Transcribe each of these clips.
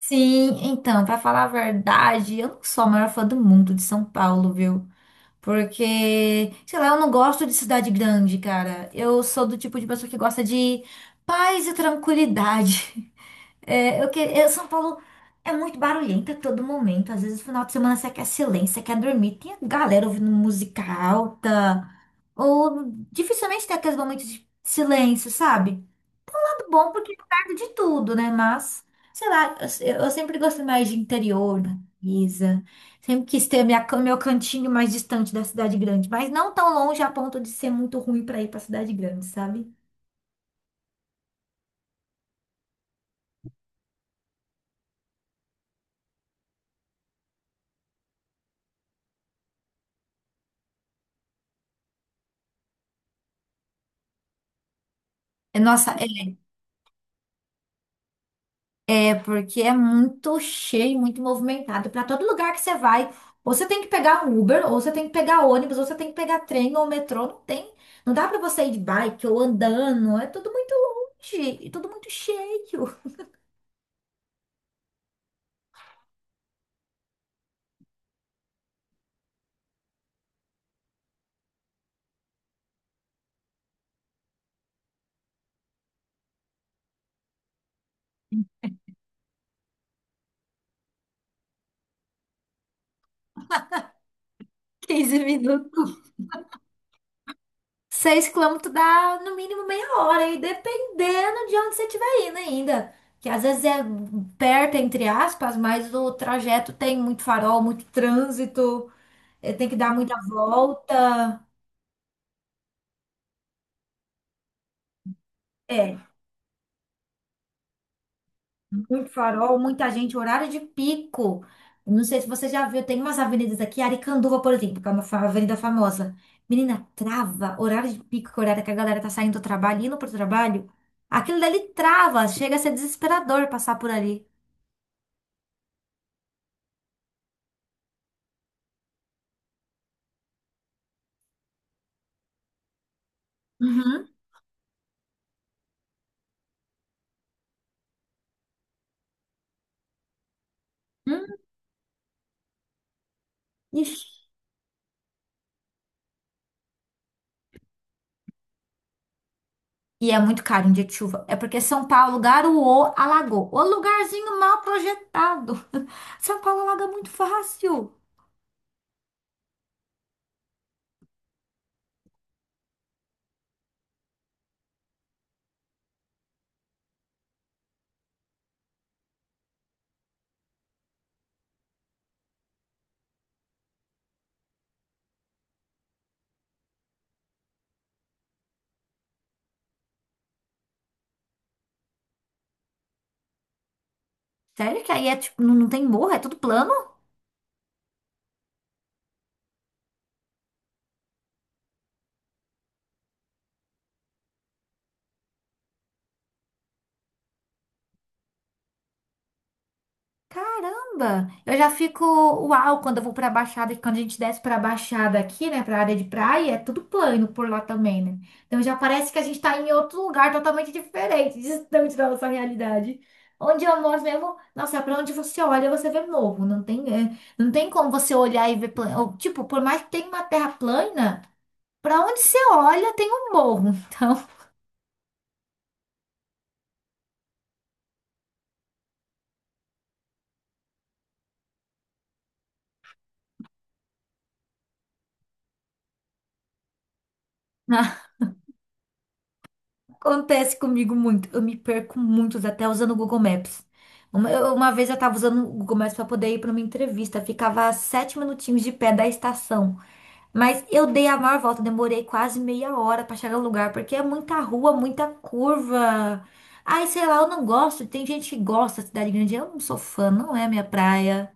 Sim, então, pra falar a verdade, eu não sou a maior fã do mundo de São Paulo, viu? Porque, sei lá, eu não gosto de cidade grande, cara. Eu sou do tipo de pessoa que gosta de paz e tranquilidade. É, São Paulo é muito barulhenta a todo momento. Às vezes, no final de semana, você quer silêncio, você quer dormir. Tem a galera ouvindo música alta. Ou dificilmente tem aqueles momentos de silêncio, sabe? Bom porque é perto de tudo, né? Mas, sei lá, eu sempre gostei mais de interior, natureza. Sempre quis ter meu cantinho mais distante da cidade grande, mas não tão longe a ponto de ser muito ruim para ir para cidade grande, sabe? É, nossa, é porque é muito cheio, muito movimentado. Para todo lugar que você vai, ou você tem que pegar um Uber, ou você tem que pegar ônibus, ou você tem que pegar trem ou metrô, não tem. Não dá para você ir de bike ou andando, é tudo muito longe, e tudo muito cheio. 15 minutos. 6 quilômetros dá no mínimo meia hora, e dependendo de onde você estiver indo ainda. Que às vezes é perto, entre aspas, mas o trajeto tem muito farol, muito trânsito, tem que dar muita volta. É, muito farol, muita gente, horário de pico. Não sei se você já viu, tem umas avenidas aqui, Aricanduva, por exemplo, que é uma avenida famosa. Menina, trava, horário de pico, que é o horário que a galera tá saindo do trabalho, indo pro trabalho. Aquilo dali trava, chega a ser desesperador passar por ali. Uhum. Hum, ixi. E é muito caro em dia de chuva. É porque São Paulo garoou, alagou. O lugarzinho mal projetado. São Paulo alaga muito fácil. Sério que aí é tipo, não, não tem morro, é tudo plano? Caramba! Eu já fico uau quando eu vou pra Baixada, que quando a gente desce pra Baixada aqui, né, pra área de praia, é tudo plano por lá também, né? Então já parece que a gente tá em outro lugar totalmente diferente, distante da nossa realidade. Onde eu moro mesmo, nossa, pra onde você olha, você vê morro. Não tem, é, não tem como você olhar e ver plano. Ou, tipo, por mais que tenha uma terra plana, pra onde você olha, tem um morro. Então. Acontece comigo muito. Eu me perco muitos, até usando o Google Maps. Uma vez eu tava usando o Google Maps para poder ir para uma entrevista. Ficava a 7 minutinhos de pé da estação. Mas eu dei a maior volta, demorei quase meia hora para chegar no lugar, porque é muita rua, muita curva. Ai, sei lá, eu não gosto. Tem gente que gosta da cidade grande. Eu não sou fã, não é minha praia.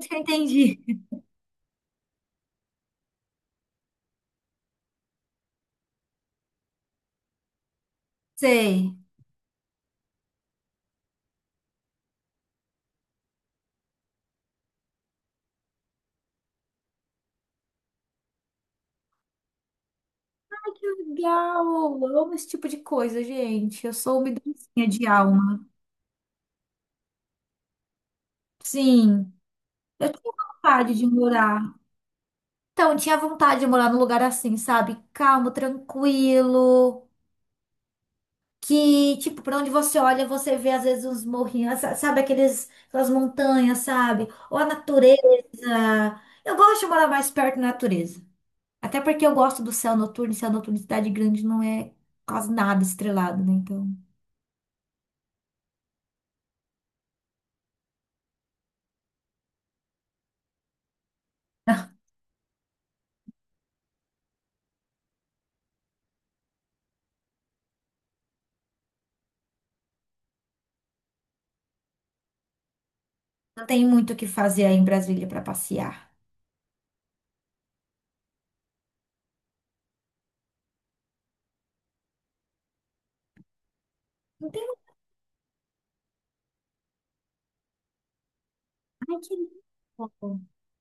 Acho que eu entendi. Sei. Ai, que legal! Eu amo esse tipo de coisa, gente. Eu sou uma dancinha de alma. Sim. Eu tinha vontade de morar. Então, eu tinha vontade de morar num lugar assim, sabe? Calmo, tranquilo. Que, tipo, pra onde você olha, você vê às vezes uns morrinhos, sabe? Aqueles, aquelas montanhas, sabe? Ou a natureza. Eu gosto de morar mais perto da natureza. Até porque eu gosto do céu noturno, e céu noturno em cidade grande não é quase nada estrelado, né? Então, não tem muito o que fazer aí em Brasília pra passear. Não tem. Ai, que lindo.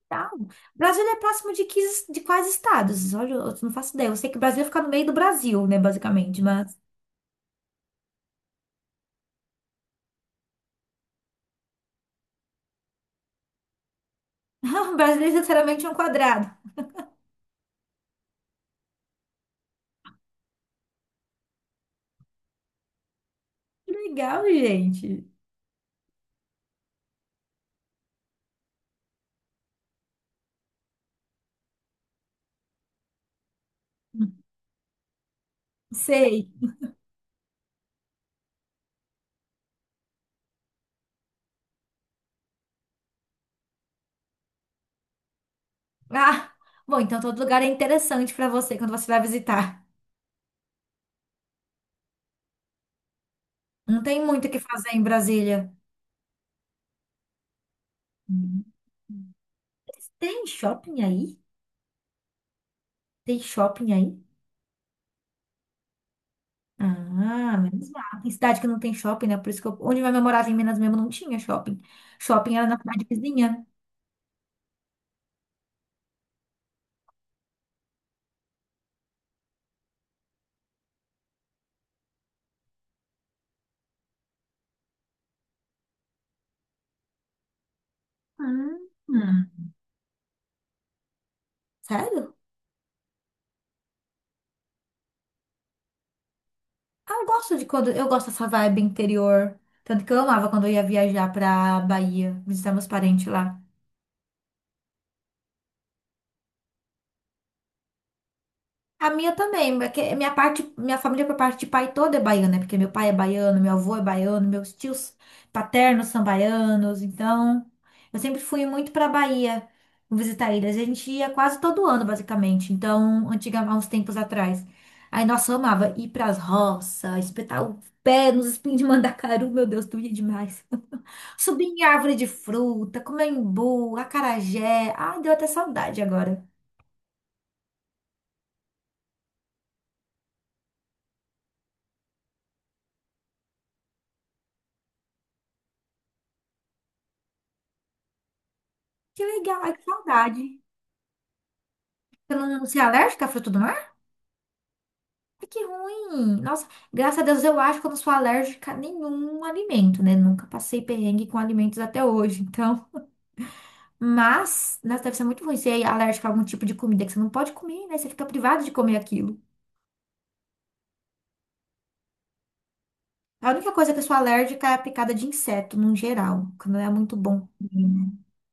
Tá. Brasília é próximo de, que, de quais estados? Olha, eu não faço ideia. Eu sei que o Brasil fica no meio do Brasil, né, basicamente, mas Brasília é literalmente um quadrado. Que legal, gente. Sei. Ah, bom, então todo lugar é interessante para você quando você vai visitar. Não tem muito o que fazer em Brasília. Hum. Tem shopping aí? Tem shopping aí? Ah, menos mal. Tem cidade que não tem shopping, né? Por isso que eu, onde minha mãe morava em Minas mesmo não tinha shopping. Shopping era na cidade vizinha. Hum. Sério? Ah, eu gosto de quando. Eu gosto dessa vibe interior. Tanto que eu amava quando eu ia viajar pra Bahia, visitar meus parentes lá. A minha também, porque minha parte, minha família por parte de pai toda é baiana, né? Porque meu pai é baiano, meu avô é baiano, meus tios paternos são baianos, então eu sempre fui muito pra Bahia visitar eles. A gente ia quase todo ano, basicamente. Então, antiga, há uns tempos atrás. Aí, nossa, eu amava ir pras roças, espetar o pé nos espinhos de mandacaru, meu Deus, doía demais. Subir em árvore de fruta, comer imbu, acarajé. Ah, deu até saudade agora. Que legal, ai, que saudade. Você não, você é alérgica a fruta do mar? Ai, que ruim. Nossa, graças a Deus eu acho que eu não sou alérgica a nenhum alimento, né? Nunca passei perrengue com alimentos até hoje, então. Mas, nossa, deve ser muito ruim ser alérgica a algum tipo de comida que você não pode comer, né? Você fica privado de comer aquilo. A única coisa que eu sou alérgica é a picada de inseto, no geral, que não é muito bom.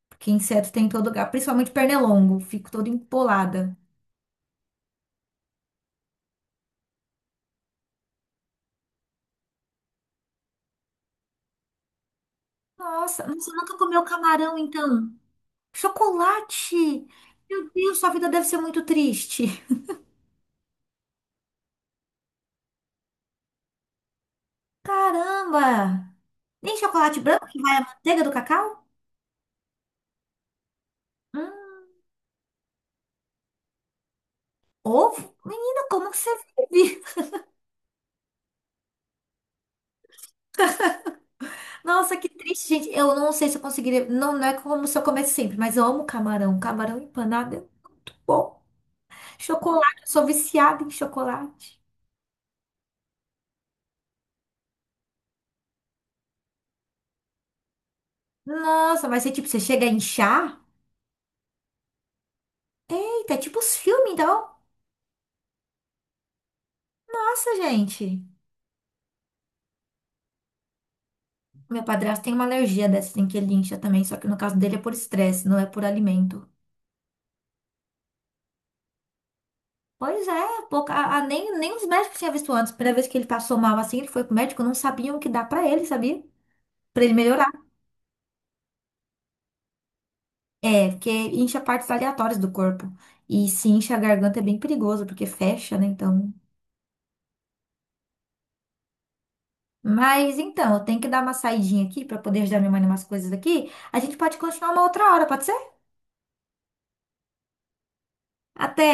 Porque inseto tem em todo lugar, principalmente pernilongo. Fico toda empolada. Nossa, você nunca comeu camarão, então? Chocolate! Meu Deus, sua vida deve ser muito triste. Caramba! Nem chocolate branco que vai a manteiga do cacau? Hum, ovo? Menina, como que você vive? Nossa, que triste, gente. Eu não sei se eu conseguiria. Não, não é como se eu comesse sempre, mas eu amo camarão. Camarão empanado é muito bom. Chocolate, eu sou viciada em chocolate. Nossa, mas você, tipo, você chega a inchar? É tipo os filmes, então. Nossa, gente. Meu padrasto tem uma alergia dessa, tem que ele incha também, só que no caso dele é por estresse, não é por alimento. Pois é, pouca, nem os médicos tinham visto antes. Primeira vez que ele passou mal assim, ele foi pro médico, não sabiam o que dar pra ele, sabia? Pra ele melhorar. É, porque incha partes aleatórias do corpo. E se incha a garganta é bem perigoso, porque fecha, né? Então. Mas então, eu tenho que dar uma saidinha aqui pra poder ajudar minha mãe em umas coisas aqui. A gente pode continuar uma outra hora, pode ser? Até!